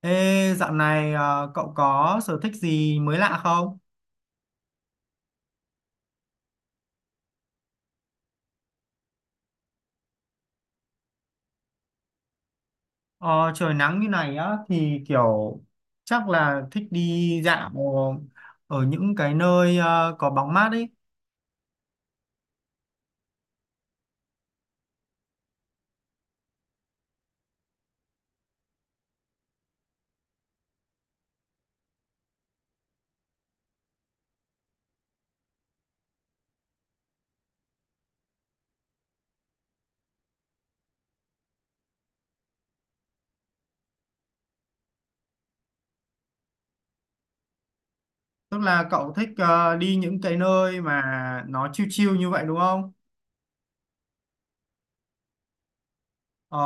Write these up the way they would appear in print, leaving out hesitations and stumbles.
Ê, dạo này cậu có sở thích gì mới lạ không? Ờ, Trời nắng như này á thì kiểu chắc là thích đi dạo ở những cái nơi có bóng mát ấy. Tức là cậu thích đi những cái nơi mà nó chill chill như vậy đúng không? Ờ,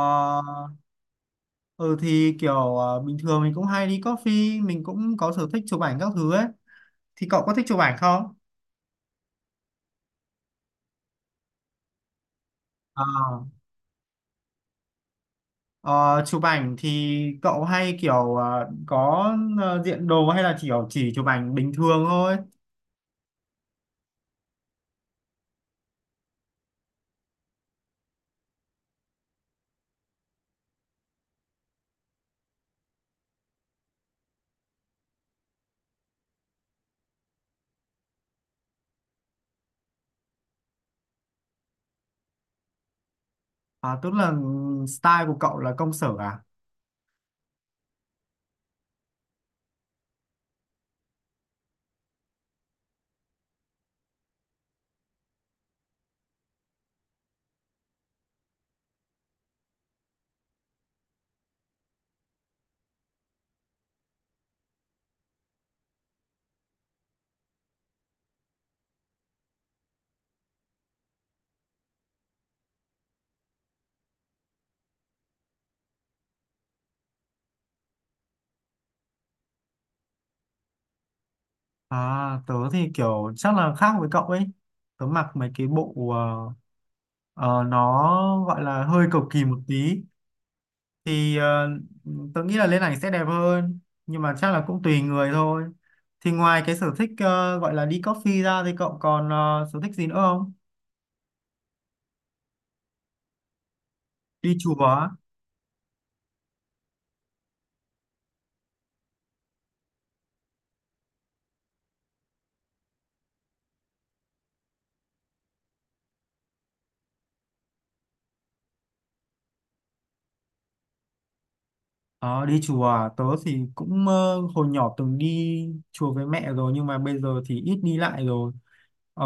ừ thì kiểu bình thường mình cũng hay đi coffee, mình cũng có sở thích chụp ảnh các thứ ấy. Thì cậu có thích chụp ảnh không? Ờ. Ờ, Chụp ảnh thì cậu hay kiểu diện đồ hay là chỉ chụp ảnh bình thường thôi? À, tức là style của cậu là công sở à? À, tớ thì kiểu chắc là khác với cậu ấy. Tớ mặc mấy cái bộ ờ, nó gọi là hơi cầu kỳ một tí. Thì ờ, Tớ nghĩ là lên ảnh sẽ đẹp hơn. Nhưng mà chắc là cũng tùy người thôi. Thì ngoài cái sở thích gọi là đi coffee ra thì cậu còn sở thích gì nữa không? Đi chùa á? Ờ, đi chùa à? Tớ thì cũng hồi nhỏ từng đi chùa với mẹ rồi nhưng mà bây giờ thì ít đi lại rồi. Ờ,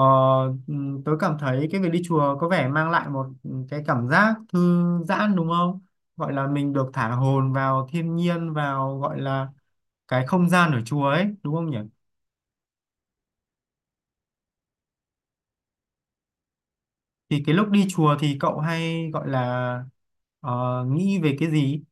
Tớ cảm thấy cái việc đi chùa có vẻ mang lại một cái cảm giác thư giãn đúng không? Gọi là mình được thả hồn vào thiên nhiên, vào gọi là cái không gian ở chùa ấy đúng không nhỉ? Thì cái lúc đi chùa thì cậu hay gọi là ờ, nghĩ về cái gì?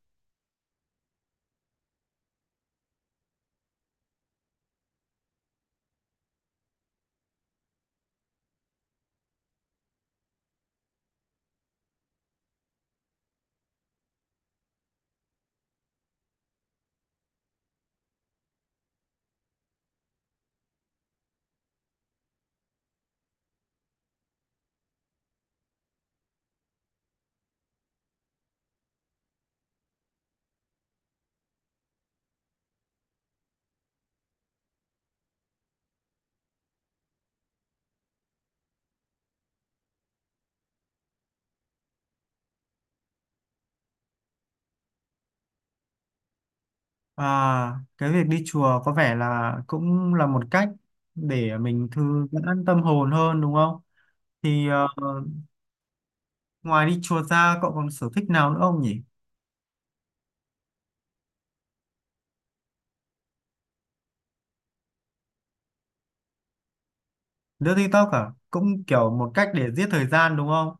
À, cái việc đi chùa có vẻ là cũng là một cách để mình thư giãn tâm hồn hơn đúng không? Thì ờ, Ngoài đi chùa ra cậu còn sở thích nào nữa không nhỉ? Lướt TikTok à? Cũng kiểu một cách để giết thời gian đúng không?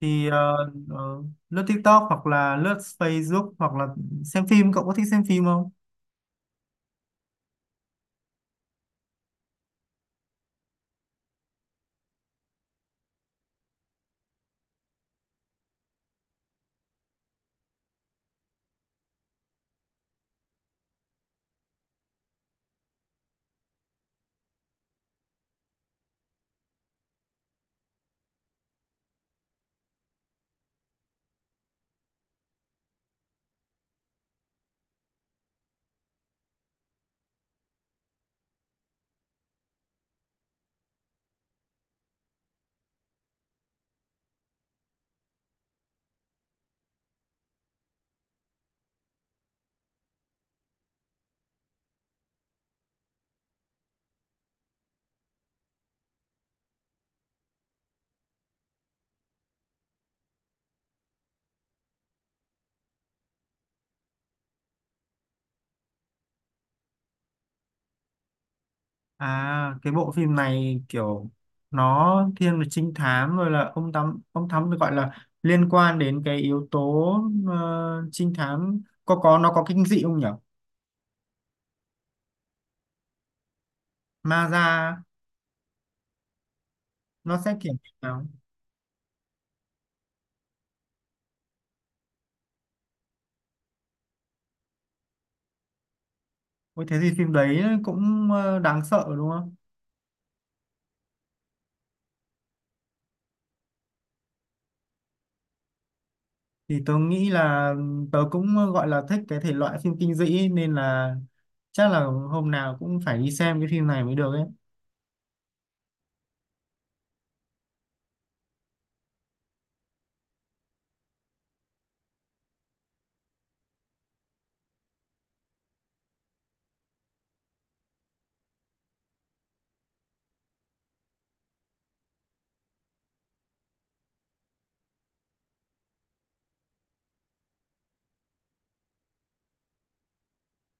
Thì ờ, ờ, Lướt TikTok hoặc là lướt Facebook hoặc là xem phim, cậu có thích xem phim không? À, cái bộ phim này kiểu nó thiên về trinh thám, rồi là ông thám được gọi là liên quan đến cái yếu tố trinh thám, có nó có kinh dị không nhỉ? Ma ra nó sẽ kiểu như nào? Ôi thế thì phim đấy cũng đáng sợ đúng không? Thì tớ nghĩ là tớ cũng gọi là thích cái thể loại phim kinh dị nên là chắc là hôm nào cũng phải đi xem cái phim này mới được ấy.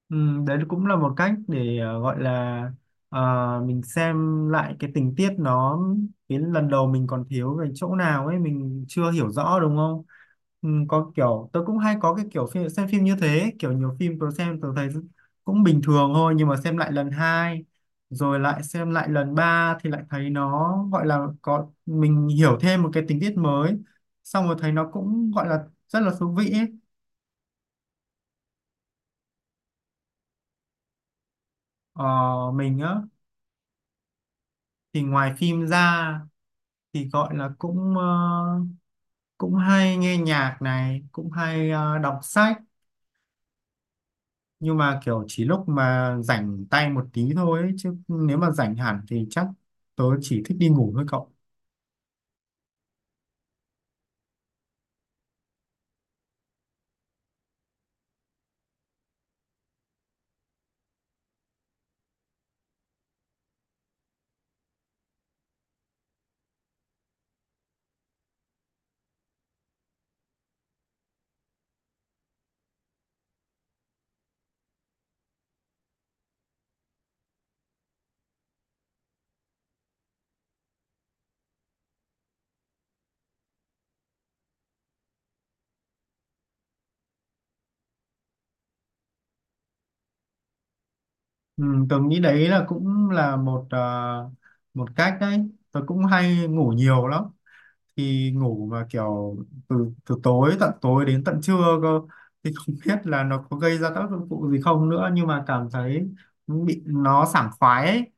Ừ, đấy cũng là một cách để gọi là ờ, mình xem lại cái tình tiết nó, cái lần đầu mình còn thiếu về chỗ nào ấy, mình chưa hiểu rõ đúng không? Ừ, có kiểu tôi cũng hay có cái kiểu phim, xem phim như thế, kiểu nhiều phim tôi xem tôi thấy cũng bình thường thôi nhưng mà xem lại lần hai rồi lại xem lại lần ba thì lại thấy nó gọi là có mình hiểu thêm một cái tình tiết mới, xong rồi thấy nó cũng gọi là rất là thú vị ấy. Ờ, mình á, thì ngoài phim ra thì gọi là cũng cũng hay nghe nhạc này, cũng hay đọc sách, nhưng mà kiểu chỉ lúc mà rảnh tay một tí thôi ấy, chứ nếu mà rảnh hẳn thì chắc tớ chỉ thích đi ngủ thôi cậu. Ừ, tớ nghĩ đấy là cũng là một một cách đấy. Tớ cũng hay ngủ nhiều lắm, thì ngủ mà kiểu từ từ tối tận tối đến tận trưa cơ, thì không biết là nó có gây ra tác dụng phụ gì không nữa nhưng mà cảm thấy bị nó sảng khoái ấy.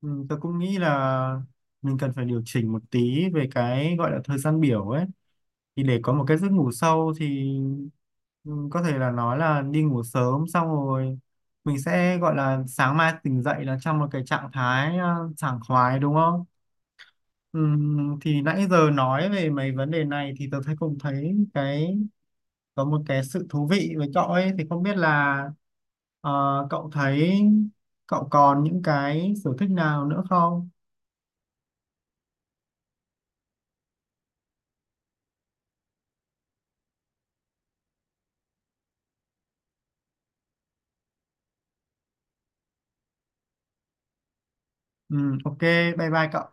Ừ, tôi cũng nghĩ là mình cần phải điều chỉnh một tí về cái gọi là thời gian biểu ấy, thì để có một cái giấc ngủ sâu thì ừ, có thể là nói là đi ngủ sớm xong rồi mình sẽ gọi là sáng mai tỉnh dậy là trong một cái trạng thái sảng khoái đúng không? Ừ, thì nãy giờ nói về mấy vấn đề này thì tôi cũng thấy cái có một cái sự thú vị với cậu ấy, thì không biết là ờ, cậu thấy cậu còn những cái sở thích nào nữa không? Ừ, ok, bye bye cậu.